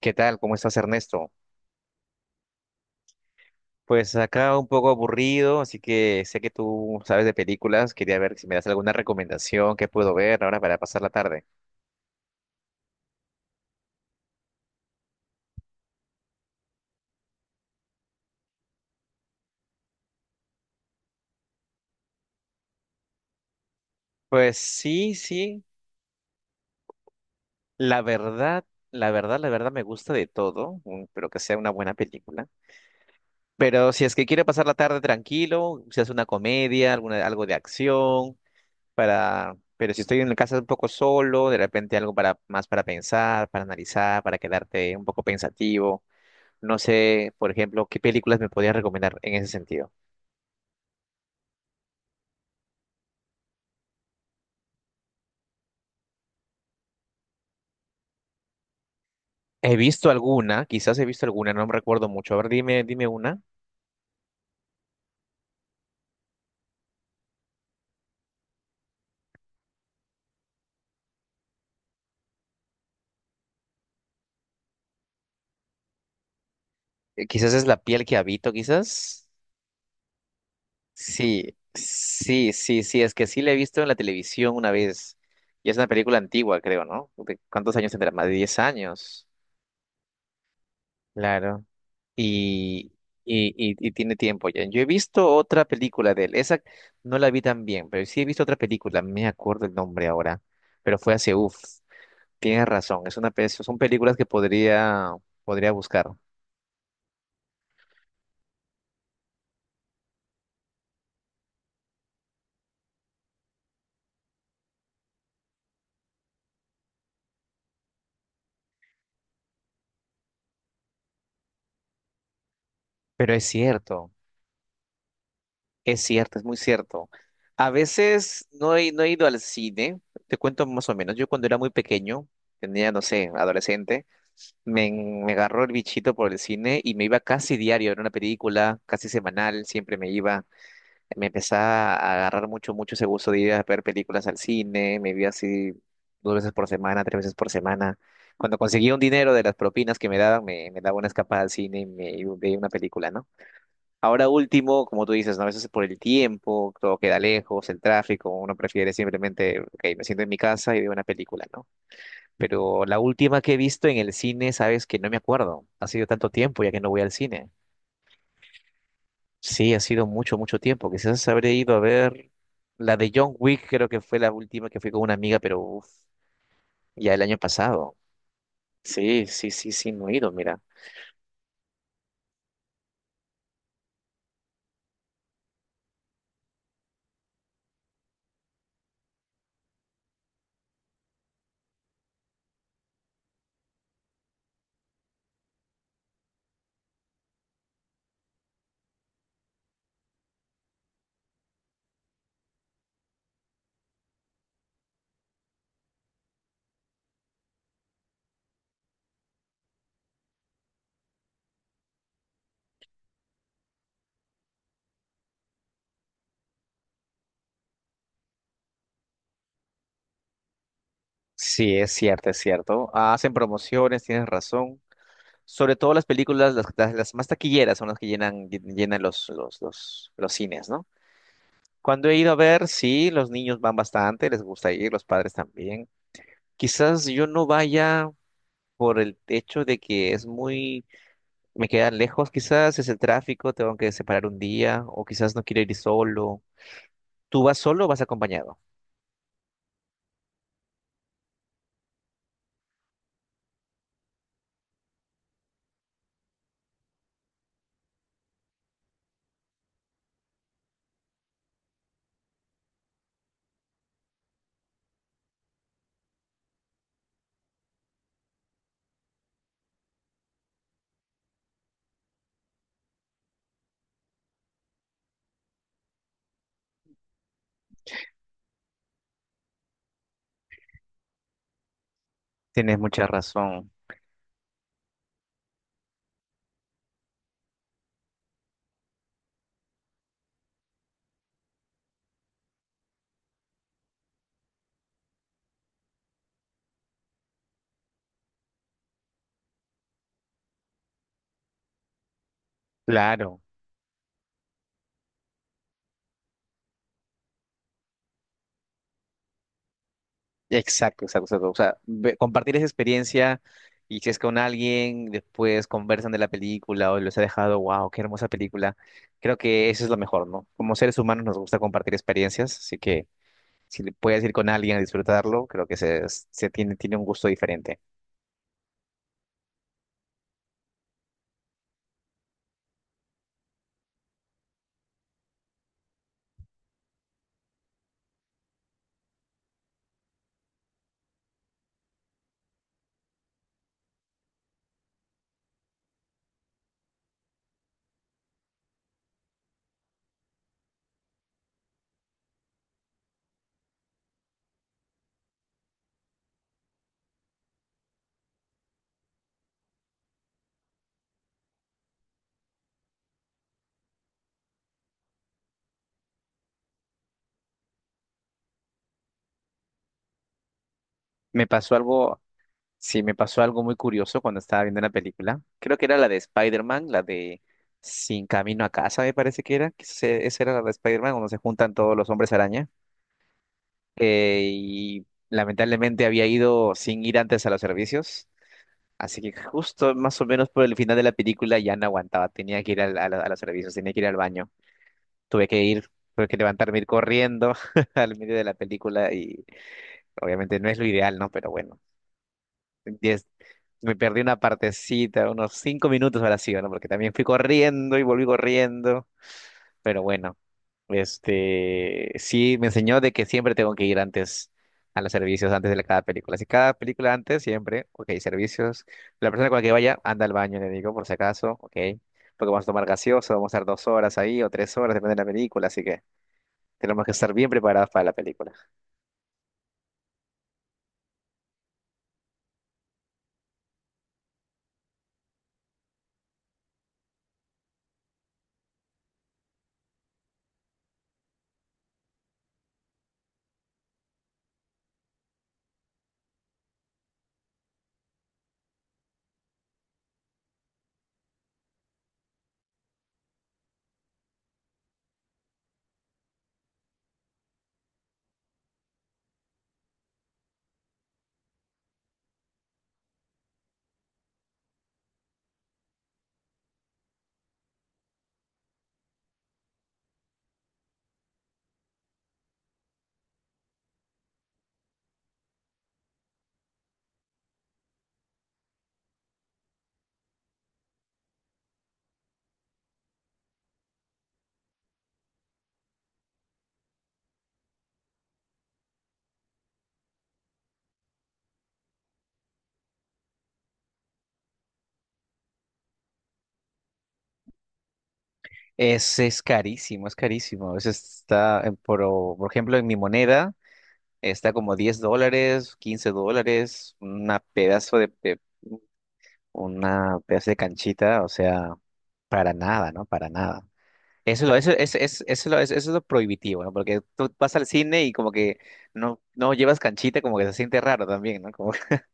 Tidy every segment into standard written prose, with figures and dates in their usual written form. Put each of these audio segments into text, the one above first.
¿Qué tal? ¿Cómo estás, Ernesto? Pues acá un poco aburrido, así que sé que tú sabes de películas. Quería ver si me das alguna recomendación que puedo ver ahora para pasar la tarde. Pues sí, sí. La verdad, la verdad me gusta de todo, pero que sea una buena película. Pero si es que quiero pasar la tarde tranquilo, si es una comedia, alguna, algo de acción, para... Pero si estoy en la casa un poco solo, de repente algo para, más para pensar, para analizar, para quedarte un poco pensativo. No sé, por ejemplo, qué películas me podías recomendar en ese sentido. He visto alguna, quizás he visto alguna, no me recuerdo mucho. A ver, dime una. Quizás es La piel que habito, quizás. Sí, sí, sí, sí, es que sí la he visto en la televisión una vez. Y es una película antigua, creo, ¿no? ¿De cuántos años tendrá? Más de 10 años. Claro. Y, y tiene tiempo ya. Yo he visto otra película de él. Esa no la vi tan bien, pero sí he visto otra película. No me acuerdo el nombre ahora, pero fue hace, uff. Tienes razón, es una son películas que podría, podría buscar. Pero es cierto, es cierto, es muy cierto. A veces no he ido al cine, te cuento más o menos. Yo cuando era muy pequeño, tenía, no sé, adolescente, me agarró el bichito por el cine y me iba casi diario a ver una película, casi semanal, siempre me iba. Me empezaba a agarrar mucho, mucho ese gusto de ir a ver películas al cine, me vi así 2 veces por semana, 3 veces por semana. Cuando conseguía un dinero de las propinas que me daban, me daba una escapada al cine y me y veía una película, ¿no? Ahora último, como tú dices, ¿no? A veces es por el tiempo, todo queda lejos, el tráfico, uno prefiere simplemente, ok, me siento en mi casa y veo una película, ¿no? Pero la última que he visto en el cine, sabes que no me acuerdo, ha sido tanto tiempo ya que no voy al cine. Sí, ha sido mucho, mucho tiempo. Quizás habré ido a ver la de John Wick, creo que fue la última que fui con una amiga, pero uf, ya el año pasado. Sí, sí, sí, sí, no he ido, mira. Sí, es cierto, es cierto. Hacen promociones, tienes razón. Sobre todo las películas, las más taquilleras son las que llenan, llenan los cines, ¿no? Cuando he ido a ver, sí, los niños van bastante, les gusta ir, los padres también. Quizás yo no vaya por el hecho de que es muy me queda lejos, quizás es el tráfico, tengo que separar un día, o quizás no quiero ir solo. ¿Tú vas solo o vas acompañado? Tienes mucha razón. Claro, exacto, exacto, exacto. O sea, compartir esa experiencia y si es con alguien, después conversan de la película o les ha dejado, wow, qué hermosa película. Creo que eso es lo mejor, ¿no? Como seres humanos nos gusta compartir experiencias, así que si le puedes ir con alguien a disfrutarlo, creo que tiene un gusto diferente. Me pasó algo Sí, me pasó algo muy curioso cuando estaba viendo la película. Creo que era la de Spider-Man, la de Sin Camino a Casa, me parece que era. Esa era la de Spider-Man, donde se juntan todos los hombres araña. Y lamentablemente había ido sin ir antes a los servicios. Así que justo más o menos por el final de la película ya no aguantaba. Tenía que ir a los servicios, tenía que ir al baño. Tuve que ir, tuve que levantarme, ir corriendo al medio de la película. Y obviamente no es lo ideal, ¿no? Pero bueno. Me perdí una partecita, unos 5 minutos ahora sí, ¿no? Porque también fui corriendo y volví corriendo. Pero bueno, este sí me enseñó de que siempre tengo que ir antes a los servicios, antes de cada película. Si cada película antes, siempre, ok, servicios. La persona con la que vaya, anda al baño, le digo, por si acaso, ok. Porque vamos a tomar gaseoso, vamos a estar 2 horas ahí o 3 horas, depende de la película, así que tenemos que estar bien preparados para la película. Es carísimo, es carísimo. A veces está, por ejemplo, en mi moneda. Está como $10, $15, una pedazo una pedazo de canchita, o sea, para nada, ¿no? Para nada. Eso es lo, eso, es- eso es lo prohibitivo, ¿no? Porque tú vas al cine y como que no llevas canchita, como que se siente raro también, ¿no? Como...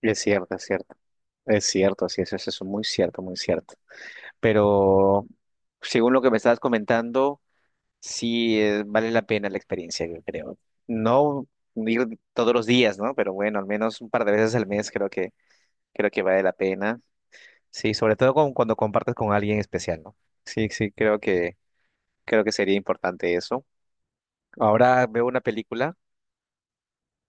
Es cierto, es cierto. Es cierto, sí, es muy cierto, muy cierto. Pero según lo que me estabas comentando, sí, vale la pena la experiencia, yo creo. No ir todos los días, ¿no? Pero bueno, al menos un par de veces al mes creo que vale la pena. Sí, sobre todo cuando compartes con alguien especial, ¿no? Sí, sí, creo que sería importante eso. Ahora veo una película,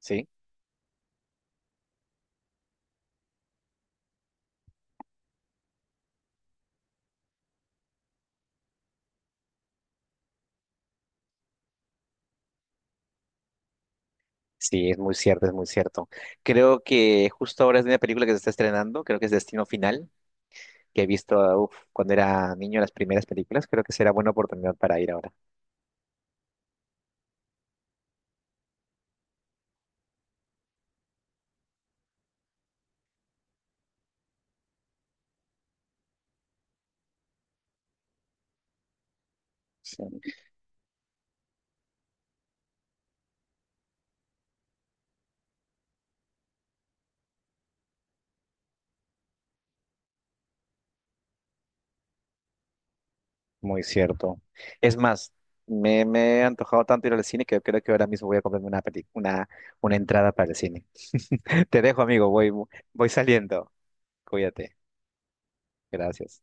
sí. Sí, es muy cierto, es muy cierto. Creo que justo ahora es una película que se está estrenando, creo que es Destino Final, que he visto, uf, cuando era niño las primeras películas, creo que será buena oportunidad para ir ahora. Sí. Muy cierto. Es más, me he antojado tanto ir al cine que creo que ahora mismo voy a comprarme una una entrada para el cine. Te dejo, amigo, voy, voy saliendo. Cuídate. Gracias.